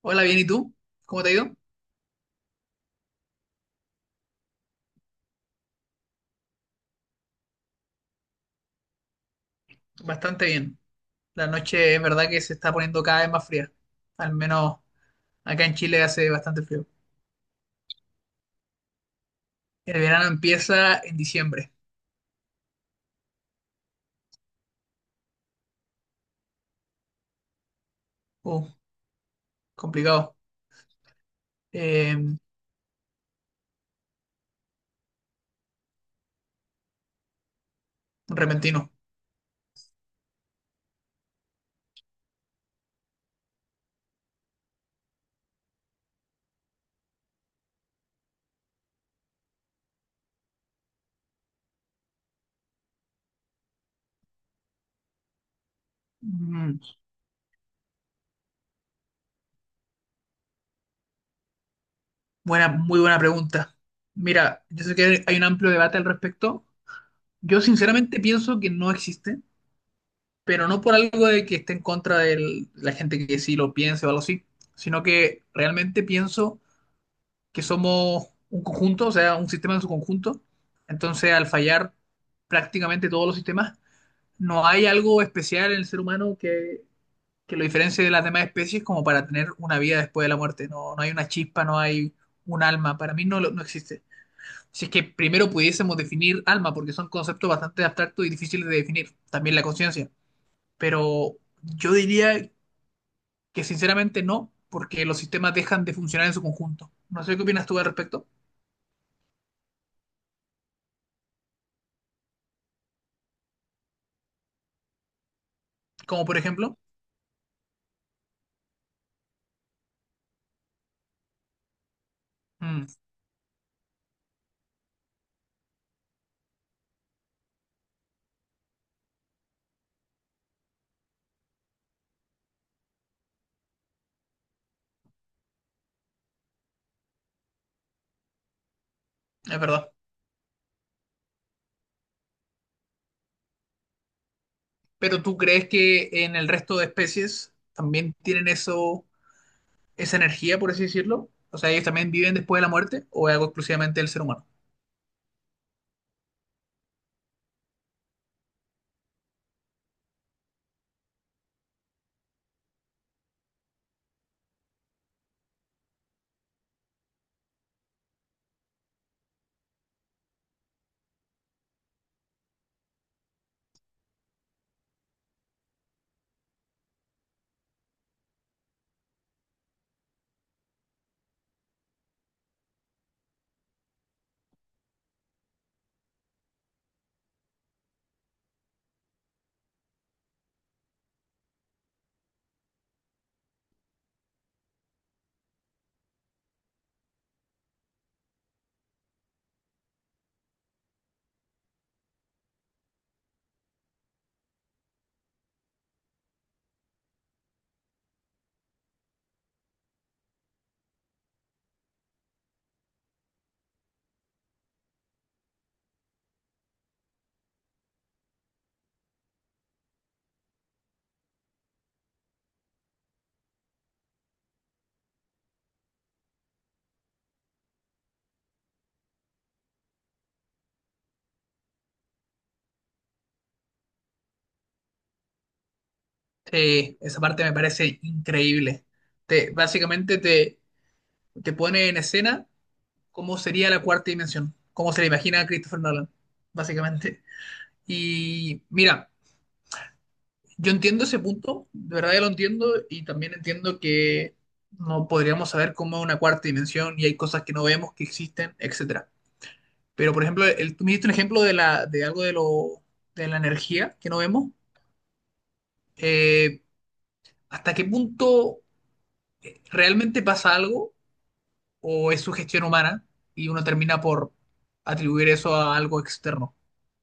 Hola, bien, ¿y tú? ¿Cómo te ha ido? Bastante bien. La noche es verdad que se está poniendo cada vez más fría. Al menos acá en Chile hace bastante frío. El verano empieza en diciembre. Uh, complicado. Eh, repentino. Mm, buena, muy buena pregunta. Mira, yo sé que hay un amplio debate al respecto. Yo sinceramente pienso que no existe, pero no por algo de que esté en contra de la gente que sí lo piense o algo así, sino que realmente pienso que somos un conjunto, o sea, un sistema en su conjunto. Entonces, al fallar prácticamente todos los sistemas, no hay algo especial en el ser humano que lo diferencie de las demás especies como para tener una vida después de la muerte. No, no hay una chispa, no hay un alma. Para mí no, no existe. Si es que primero pudiésemos definir alma, porque son conceptos bastante abstractos y difíciles de definir. También la conciencia. Pero yo diría que sinceramente no, porque los sistemas dejan de funcionar en su conjunto. No sé qué opinas tú al respecto. Como por ejemplo. Mm, es verdad. Pero ¿tú crees que en el resto de especies también tienen eso, esa energía, por así decirlo? O sea, ellos también viven después de la muerte o es algo exclusivamente del ser humano. Esa parte me parece increíble. Te, básicamente te, te pone en escena cómo sería la cuarta dimensión, cómo se la imagina a Christopher Nolan, básicamente. Y mira. Yo entiendo ese punto, de verdad yo lo entiendo y también entiendo que no podríamos saber cómo es una cuarta dimensión y hay cosas que no vemos que existen, etcétera. Pero por ejemplo, tú me diste un ejemplo de la, de algo de lo, de la energía que no vemos. Eh, ¿Hasta qué punto realmente pasa algo o es sugestión humana y uno termina por atribuir eso a algo externo?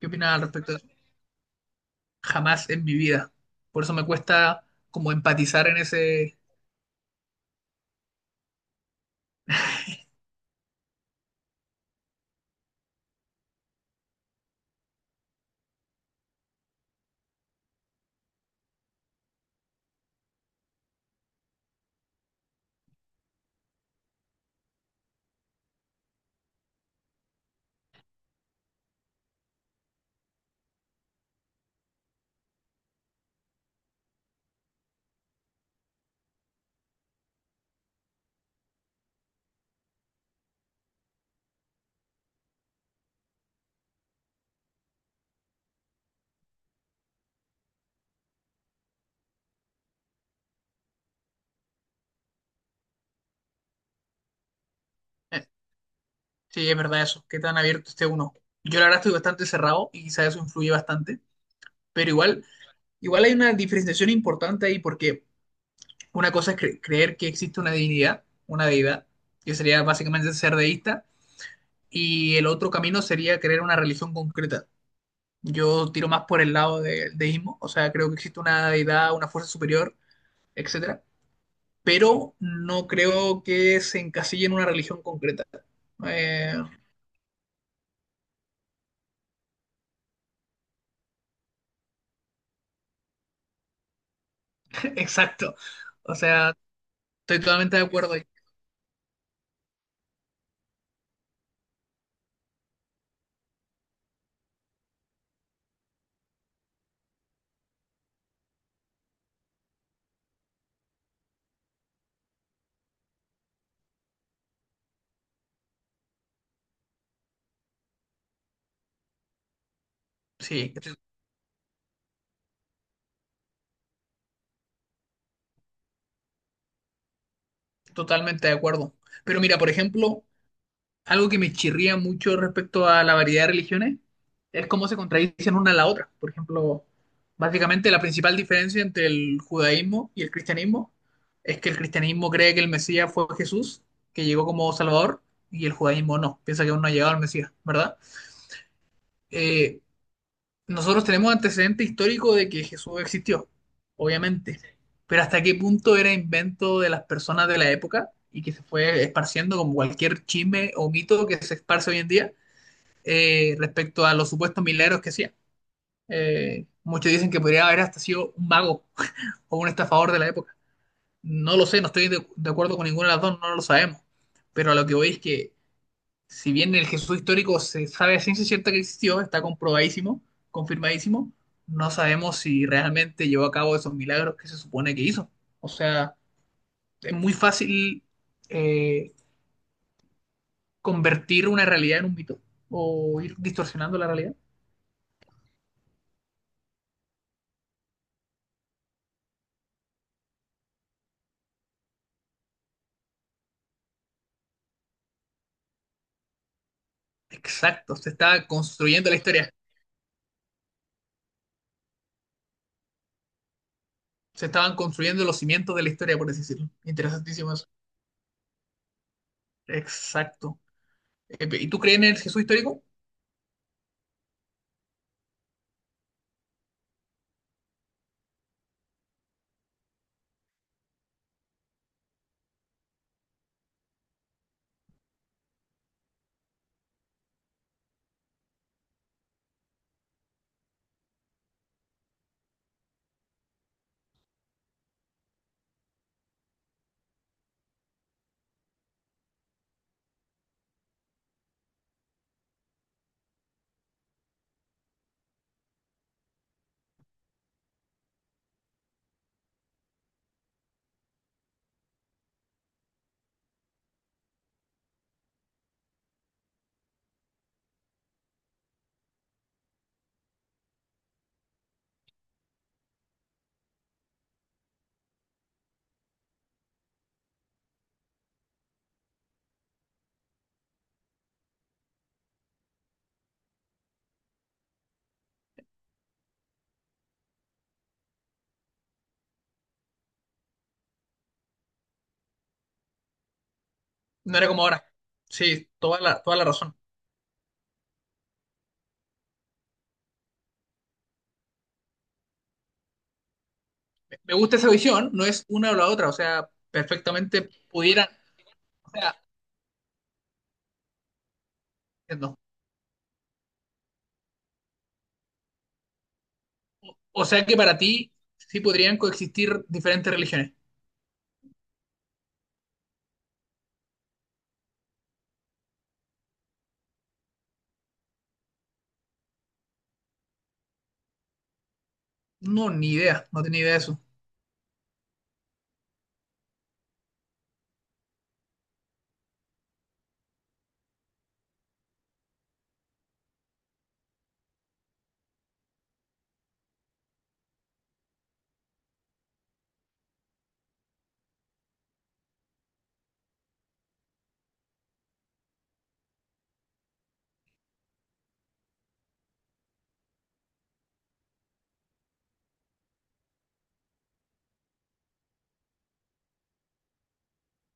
¿Qué opinas al respecto de eso? Jamás en mi vida. Por eso me cuesta como empatizar en ese. Sí, es verdad eso, qué tan abierto esté uno. Yo la verdad estoy bastante cerrado y quizás eso influye bastante, pero igual, igual hay una diferenciación importante ahí porque una cosa es creer que existe una divinidad, una deidad, que sería básicamente ser deísta, y el otro camino sería creer una religión concreta. Yo tiro más por el lado del deísmo, o sea, creo que existe una deidad, una fuerza superior, etcétera, pero no creo que se encasille en una religión concreta. Eh, exacto. O sea, estoy totalmente de acuerdo ahí. Sí, estoy totalmente de acuerdo. Pero mira, por ejemplo, algo que me chirría mucho respecto a la variedad de religiones es cómo se contradicen una a la otra. Por ejemplo, básicamente la principal diferencia entre el judaísmo y el cristianismo es que el cristianismo cree que el Mesías fue Jesús, que llegó como Salvador, y el judaísmo no, piensa que aún no ha llegado al Mesías, ¿verdad? Eh, Nosotros tenemos antecedente histórico de que Jesús existió, obviamente, pero hasta qué punto era invento de las personas de la época y que se fue esparciendo como cualquier chisme o mito que se esparce hoy en día respecto a los supuestos milagros que hacía. Muchos dicen que podría haber hasta sido un mago o un estafador de la época. No lo sé, no estoy de acuerdo con ninguna de las dos, no lo sabemos, pero a lo que voy es que si bien el Jesús histórico se sabe a ciencia cierta que existió, está comprobadísimo, confirmadísimo, no sabemos si realmente llevó a cabo esos milagros que se supone que hizo. O sea, es muy fácil eh, convertir una realidad en un mito o ir distorsionando la realidad. Exacto, se estaba construyendo la historia, se estaban construyendo los cimientos de la historia, por así decirlo. Interesantísimo eso. Exacto. ¿Y tú crees en el Jesús histórico? No era como ahora. Sí, toda la razón. Me gusta esa visión, no es una o la otra, o sea, perfectamente pudieran, o sea, entiendo. O sea que para ti sí podrían coexistir diferentes religiones. No, ni idea, no tenía idea de eso.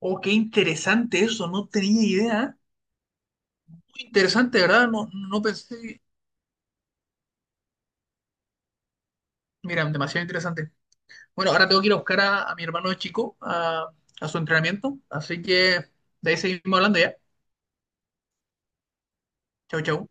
Oh, qué interesante eso, no tenía idea. Muy interesante, ¿verdad? No, no pensé. Mira, demasiado interesante. Bueno, ahora tengo que ir a buscar a mi hermano chico a su entrenamiento, así que de ahí seguimos hablando ya. Chau, chau.